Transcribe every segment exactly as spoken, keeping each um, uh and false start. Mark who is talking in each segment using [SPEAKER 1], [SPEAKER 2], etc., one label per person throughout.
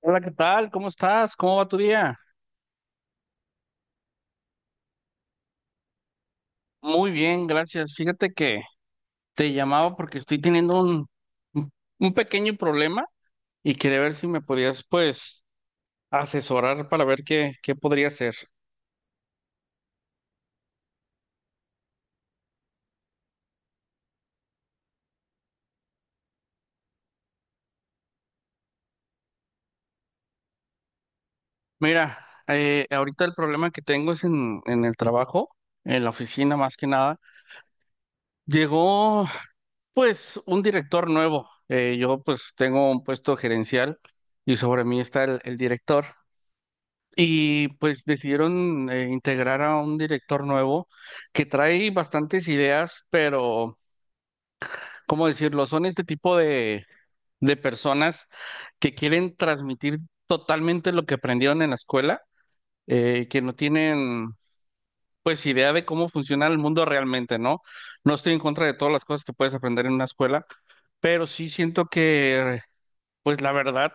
[SPEAKER 1] Hola, ¿qué tal? ¿Cómo estás? ¿Cómo va tu día? Muy bien, gracias. Fíjate que te llamaba porque estoy teniendo un, un un pequeño problema y quería ver si me podías, pues, asesorar para ver qué, qué podría hacer. Mira, eh, ahorita el problema que tengo es en, en el trabajo, en la oficina más que nada. Llegó, pues, un director nuevo. Eh, yo, pues, tengo un puesto gerencial y sobre mí está el el director. Y pues decidieron eh, integrar a un director nuevo que trae bastantes ideas, pero ¿cómo decirlo? Son este tipo de, de personas que quieren transmitir totalmente lo que aprendieron en la escuela, eh, que no tienen pues idea de cómo funciona el mundo realmente, ¿no? No estoy en contra de todas las cosas que puedes aprender en una escuela, pero sí siento que, pues la verdad,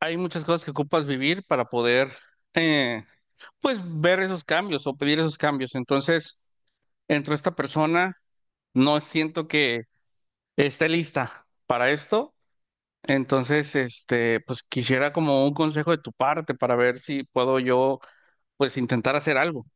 [SPEAKER 1] hay muchas cosas que ocupas vivir para poder, eh, pues, ver esos cambios o pedir esos cambios. Entonces, entre esta persona, no siento que esté lista para esto. Entonces, este, pues quisiera como un consejo de tu parte para ver si puedo yo, pues, intentar hacer algo.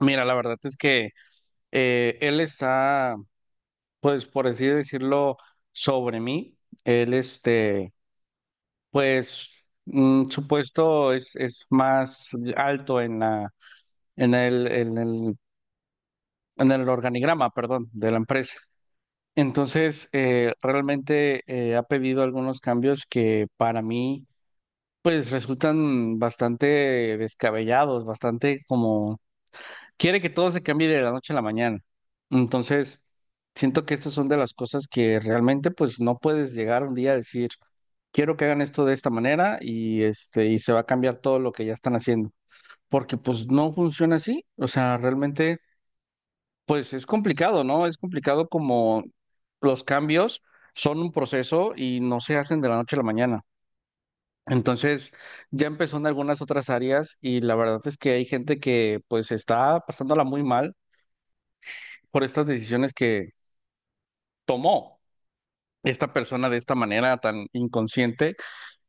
[SPEAKER 1] Mira, la verdad es que eh, él está, pues, por así decirlo, sobre mí. Él, este, pues mm, su puesto es, es más alto en la, en el, en el, en el organigrama, perdón, de la empresa. Entonces, eh, realmente eh, ha pedido algunos cambios que para mí, pues resultan bastante descabellados, bastante como quiere que todo se cambie de la noche a la mañana. Entonces, siento que estas son de las cosas que realmente pues no puedes llegar un día a decir, quiero que hagan esto de esta manera y este y se va a cambiar todo lo que ya están haciendo, porque pues no funciona así, o sea, realmente pues es complicado, ¿no? Es complicado como los cambios son un proceso y no se hacen de la noche a la mañana. Entonces, ya empezó en algunas otras áreas y la verdad es que hay gente que pues está pasándola muy mal por estas decisiones que tomó esta persona de esta manera tan inconsciente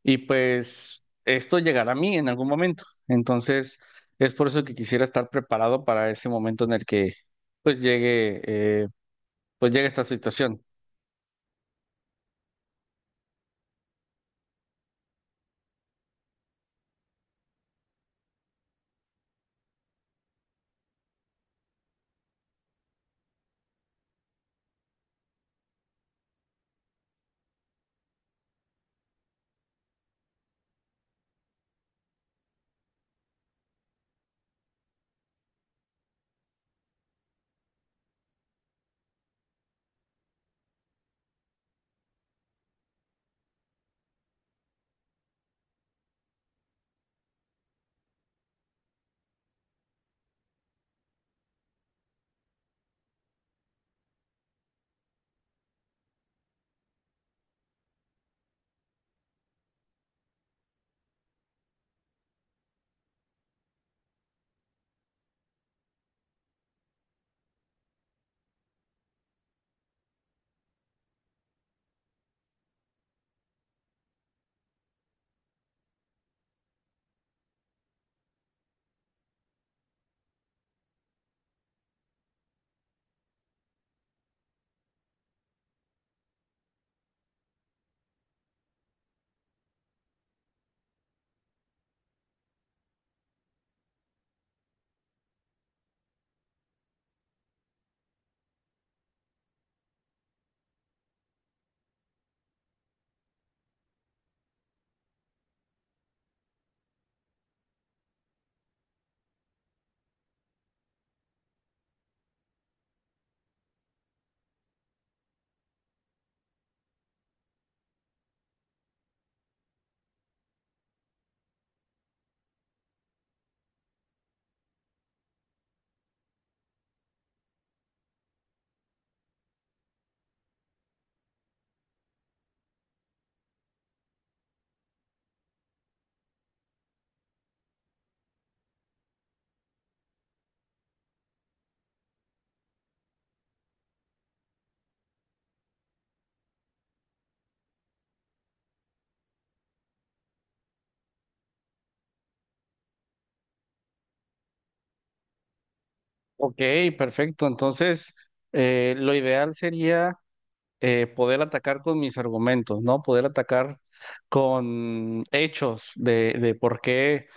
[SPEAKER 1] y pues esto llegará a mí en algún momento. Entonces, es por eso que quisiera estar preparado para ese momento en el que pues llegue, eh, pues llegue esta situación. Ok, perfecto. Entonces, eh, lo ideal sería eh, poder atacar con mis argumentos, ¿no? Poder atacar con hechos de, de por qué,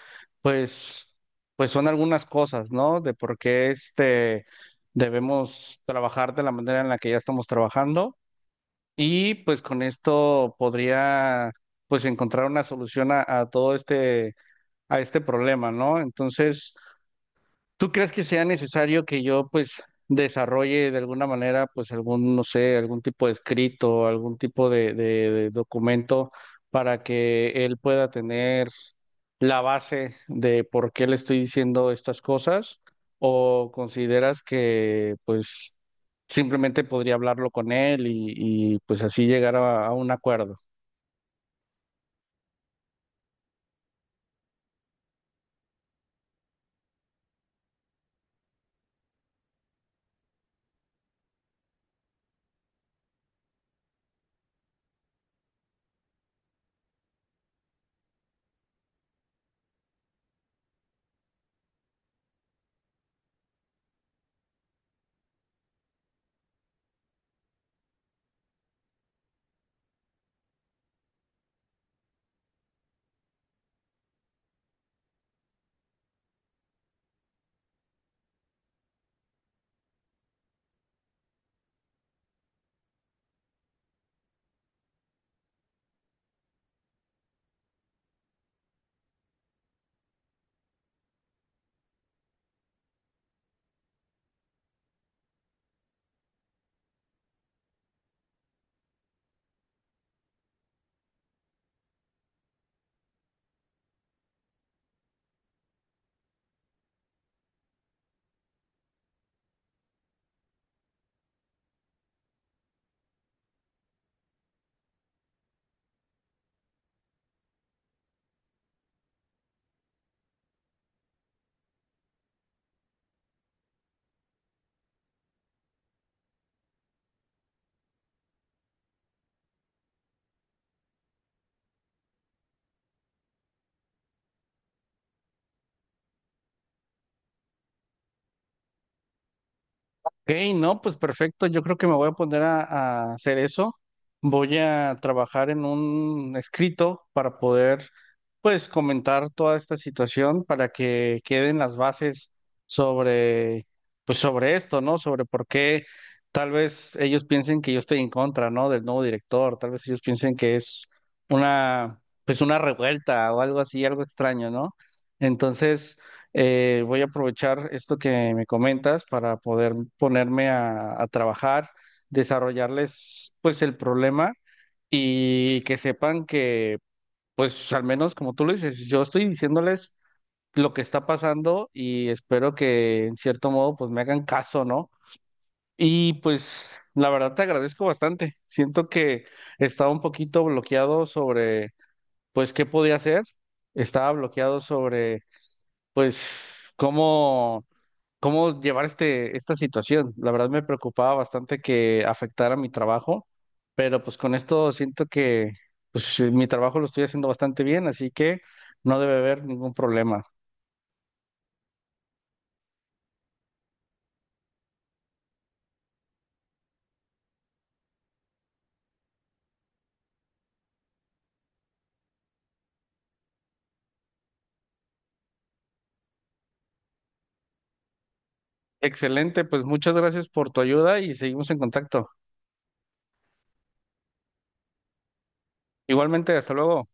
[SPEAKER 1] pues, pues son algunas cosas, ¿no? De por qué este debemos trabajar de la manera en la que ya estamos trabajando. Y pues con esto podría pues encontrar una solución a, a todo este, a este problema, ¿no? Entonces, ¿tú crees que sea necesario que yo pues desarrolle de alguna manera pues algún, no sé, algún tipo de escrito, algún tipo de, de- de documento para que él pueda tener la base de por qué le estoy diciendo estas cosas? ¿O consideras que pues simplemente podría hablarlo con él y, y, pues así llegar a a un acuerdo? Ok, no, pues perfecto. Yo creo que me voy a poner a, a hacer eso. Voy a trabajar en un escrito para poder, pues, comentar toda esta situación para que queden las bases sobre, pues, sobre esto, ¿no? Sobre por qué tal vez ellos piensen que yo estoy en contra, ¿no? Del nuevo director. Tal vez ellos piensen que es una, pues, una revuelta o algo así, algo extraño, ¿no? Entonces, Eh, voy a aprovechar esto que me comentas para poder ponerme a, a trabajar, desarrollarles pues el problema y que sepan que pues al menos como tú lo dices, yo estoy diciéndoles lo que está pasando y espero que en cierto modo pues me hagan caso, ¿no? Y pues la verdad te agradezco bastante. Siento que estaba un poquito bloqueado sobre pues qué podía hacer, estaba bloqueado sobre pues cómo cómo llevar este, esta situación. La verdad me preocupaba bastante que afectara mi trabajo, pero pues con esto siento que pues, mi trabajo lo estoy haciendo bastante bien, así que no debe haber ningún problema. Excelente, pues muchas gracias por tu ayuda y seguimos en contacto. Igualmente, hasta luego.